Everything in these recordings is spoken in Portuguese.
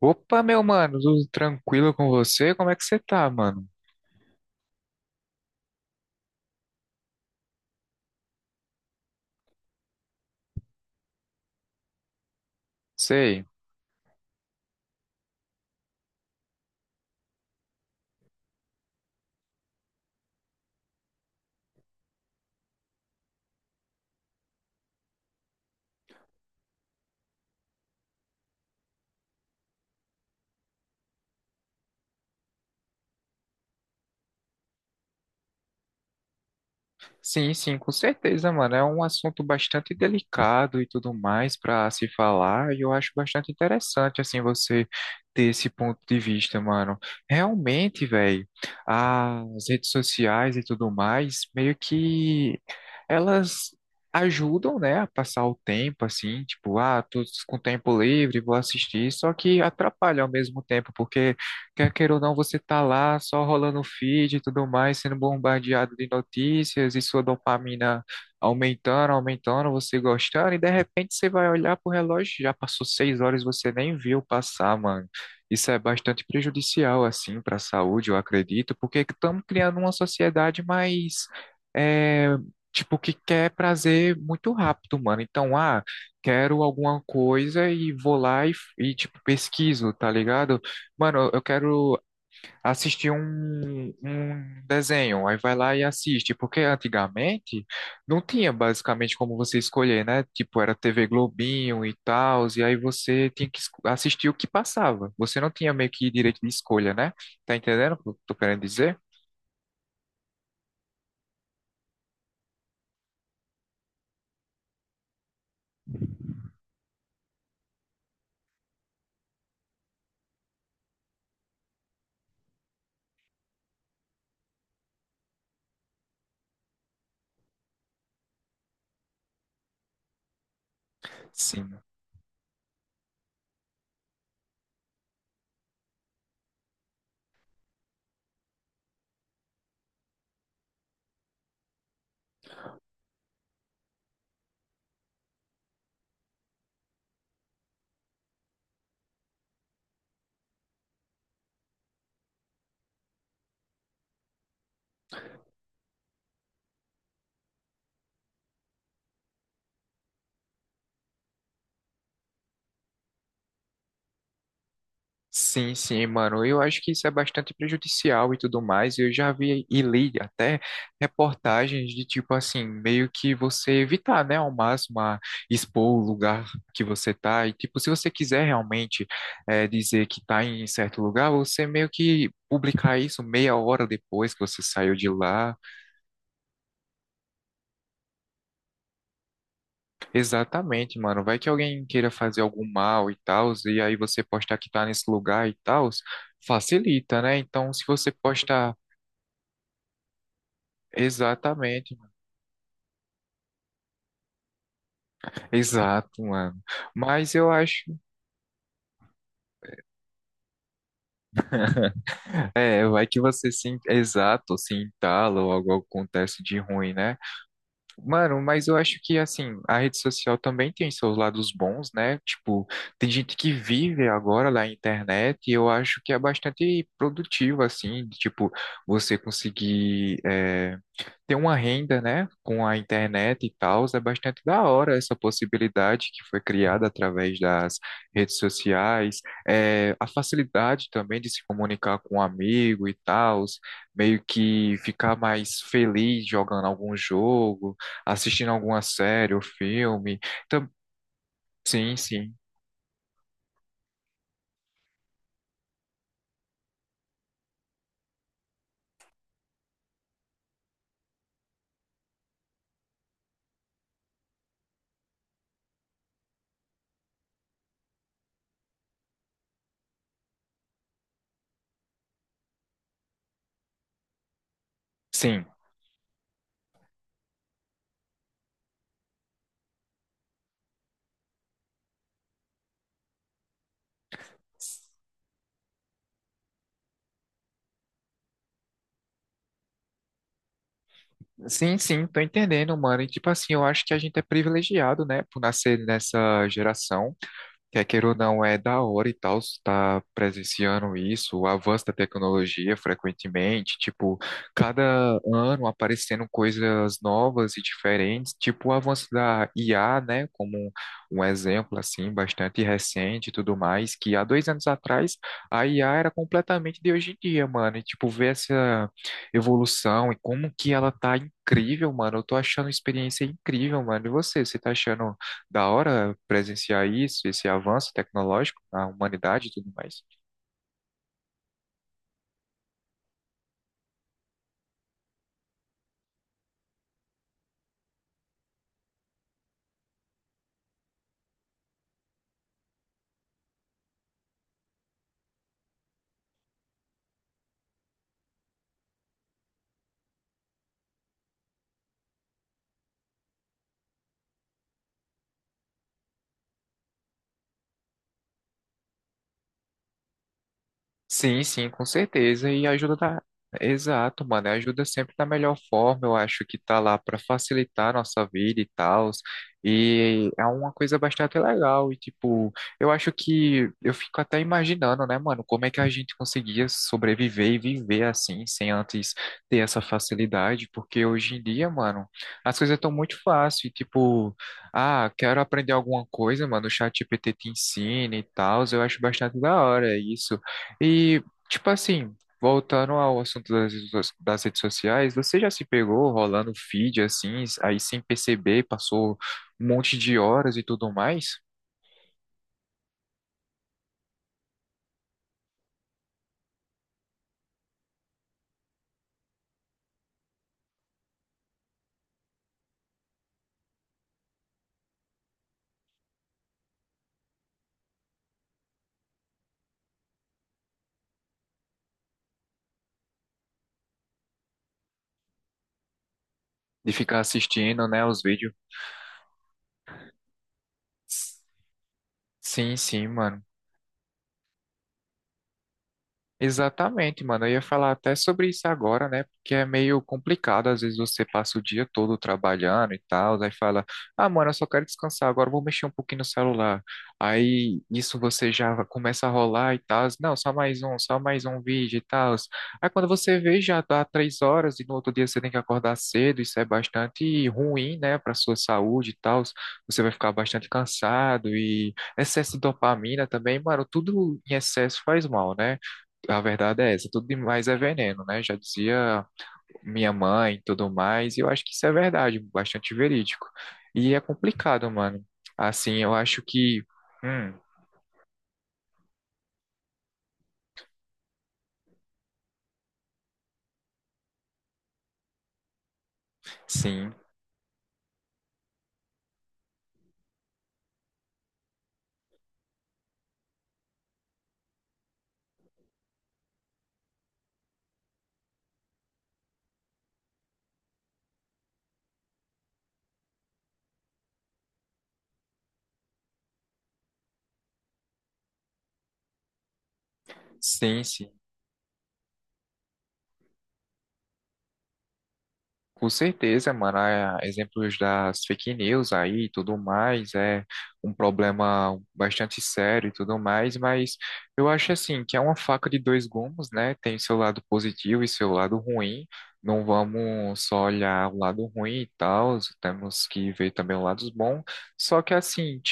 Opa, meu mano, tudo tranquilo com você? Como é que você tá, mano? Sei. Sim, sim, com certeza, mano. É um assunto bastante delicado e tudo mais pra se falar, e eu acho bastante interessante, assim, você ter esse ponto de vista, mano. Realmente, velho, as redes sociais e tudo mais, meio que elas ajudam, né, a passar o tempo, assim, tipo, ah, tô com tempo livre, vou assistir, só que atrapalha ao mesmo tempo, porque quer queira ou não, você tá lá só rolando o feed e tudo mais, sendo bombardeado de notícias e sua dopamina aumentando, aumentando, você gostando, e de repente você vai olhar pro relógio, já passou 6 horas e você nem viu passar, mano. Isso é bastante prejudicial, assim, para a saúde, eu acredito, porque estamos criando uma sociedade mais, é, tipo, que quer prazer muito rápido, mano. Então, ah, quero alguma coisa e vou lá e tipo, pesquiso, tá ligado? Mano, eu quero assistir um desenho. Aí vai lá e assiste. Porque antigamente não tinha basicamente como você escolher, né? Tipo, era TV Globinho e tal. E aí você tinha que assistir o que passava. Você não tinha meio que direito de escolha, né? Tá entendendo o que eu tô querendo dizer? Sim. Sim, sim, mano. Eu acho que isso é bastante prejudicial e tudo mais. Eu já vi e li até reportagens de tipo assim, meio que você evitar, né, ao máximo a expor o lugar que você tá. E tipo, se você quiser realmente dizer que tá em certo lugar, você meio que publicar isso meia hora depois que você saiu de lá. Exatamente, mano. Vai que alguém queira fazer algum mal e tal, e aí você postar que tá nesse lugar e tal facilita, né? Então, se você posta exatamente, mano. Exato, mano. Mas eu acho, é, vai que você se, exato, se entala ou algo acontece de ruim, né? Mano, mas eu acho que assim, a rede social também tem seus lados bons, né? Tipo, tem gente que vive agora na internet e eu acho que é bastante produtivo, assim, de, tipo, você conseguir ter uma renda, né, com a internet e tal, é bastante da hora essa possibilidade que foi criada através das redes sociais, é, a facilidade também de se comunicar com um amigo e tal, meio que ficar mais feliz jogando algum jogo, assistindo alguma série ou filme. Então, sim, sim, sim. Sim, sim, tô entendendo, mano. E tipo assim, eu acho que a gente é privilegiado, né, por nascer nessa geração. Quer queira ou não, é da hora e tal, está presenciando isso, o avanço da tecnologia frequentemente, tipo, cada ano aparecendo coisas novas e diferentes, tipo o avanço da IA, né, como um exemplo, assim, bastante recente e tudo mais, que há 2 anos atrás a IA era completamente de hoje em dia, mano, e, tipo, ver essa evolução e como que ela tá incrível, mano, eu tô achando uma experiência incrível, mano, e você, você tá achando da hora presenciar isso, esse avanço tecnológico na humanidade e tudo mais. Sim, sim, com certeza. E ajuda da... Exato, mano. Ajuda sempre da melhor forma. Eu acho que tá lá para facilitar a nossa vida e tal. E é uma coisa bastante legal. E, tipo, eu acho que eu fico até imaginando, né, mano, como é que a gente conseguia sobreviver e viver assim, sem antes ter essa facilidade. Porque hoje em dia, mano, as coisas estão muito fáceis. Tipo, ah, quero aprender alguma coisa, mano. O ChatGPT te ensina e tal. Eu acho bastante da hora isso. E, tipo assim, voltando ao assunto das redes sociais, você já se pegou rolando feed assim, aí sem perceber, passou um monte de horas e tudo mais, de ficar assistindo, né, os vídeos? S- Sim, sim, mano. Exatamente, mano. Eu ia falar até sobre isso agora, né? Porque é meio complicado. Às vezes você passa o dia todo trabalhando e tal, aí fala: ah, mano, eu só quero descansar, agora eu vou mexer um pouquinho no celular. Aí isso você já começa a rolar e tal. Não, só mais um vídeo e tal. Aí quando você vê, já dá 3 horas e no outro dia você tem que acordar cedo. Isso é bastante ruim, né, para sua saúde e tal. Você vai ficar bastante cansado e excesso de dopamina também, mano. Tudo em excesso faz mal, né? A verdade é essa, tudo demais é veneno, né? Já dizia minha mãe e tudo mais, e eu acho que isso é verdade, bastante verídico. E é complicado, mano. Assim, eu acho que. Hum, sim, sim, sim. Com certeza, mano. Ah, é, exemplos das fake news aí e tudo mais é um problema bastante sério e tudo mais, mas eu acho assim que é uma faca de dois gumes, né? Tem seu lado positivo e seu lado ruim. Não vamos só olhar o lado ruim e tal, temos que ver também o lado bom. Só que assim,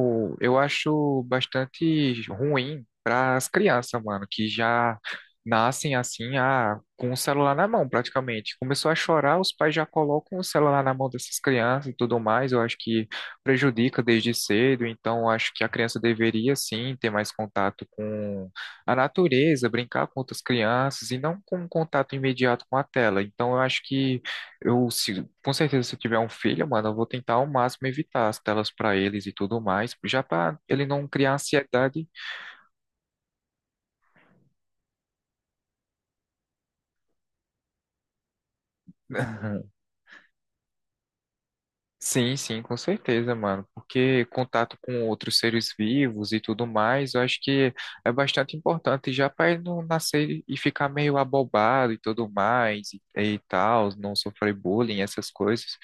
tipo, eu acho bastante ruim para as crianças, mano, que já nascem assim, ah, com o celular na mão, praticamente. Começou a chorar, os pais já colocam o celular na mão dessas crianças e tudo mais. Eu acho que prejudica desde cedo, então eu acho que a criança deveria sim ter mais contato com a natureza, brincar com outras crianças e não com um contato imediato com a tela. Então eu acho que eu se- com certeza, se eu tiver um filho, mano, eu vou tentar ao máximo evitar as telas pra eles e tudo mais, já pra ele não criar ansiedade. Sim, sim, com certeza, mano, porque contato com outros seres vivos e tudo mais, eu acho que é bastante importante já pra ele não nascer e ficar meio abobado e tudo mais e tal, não sofrer bullying, essas coisas.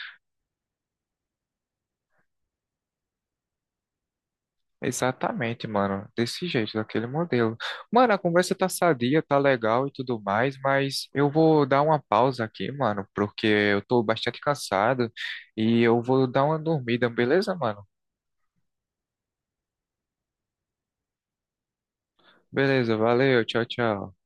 Exatamente, mano. Desse jeito, daquele modelo. Mano, a conversa tá sadia, tá legal e tudo mais, mas eu vou dar uma pausa aqui, mano, porque eu tô bastante cansado e eu vou dar uma dormida, beleza, mano? Beleza, valeu, tchau, tchau.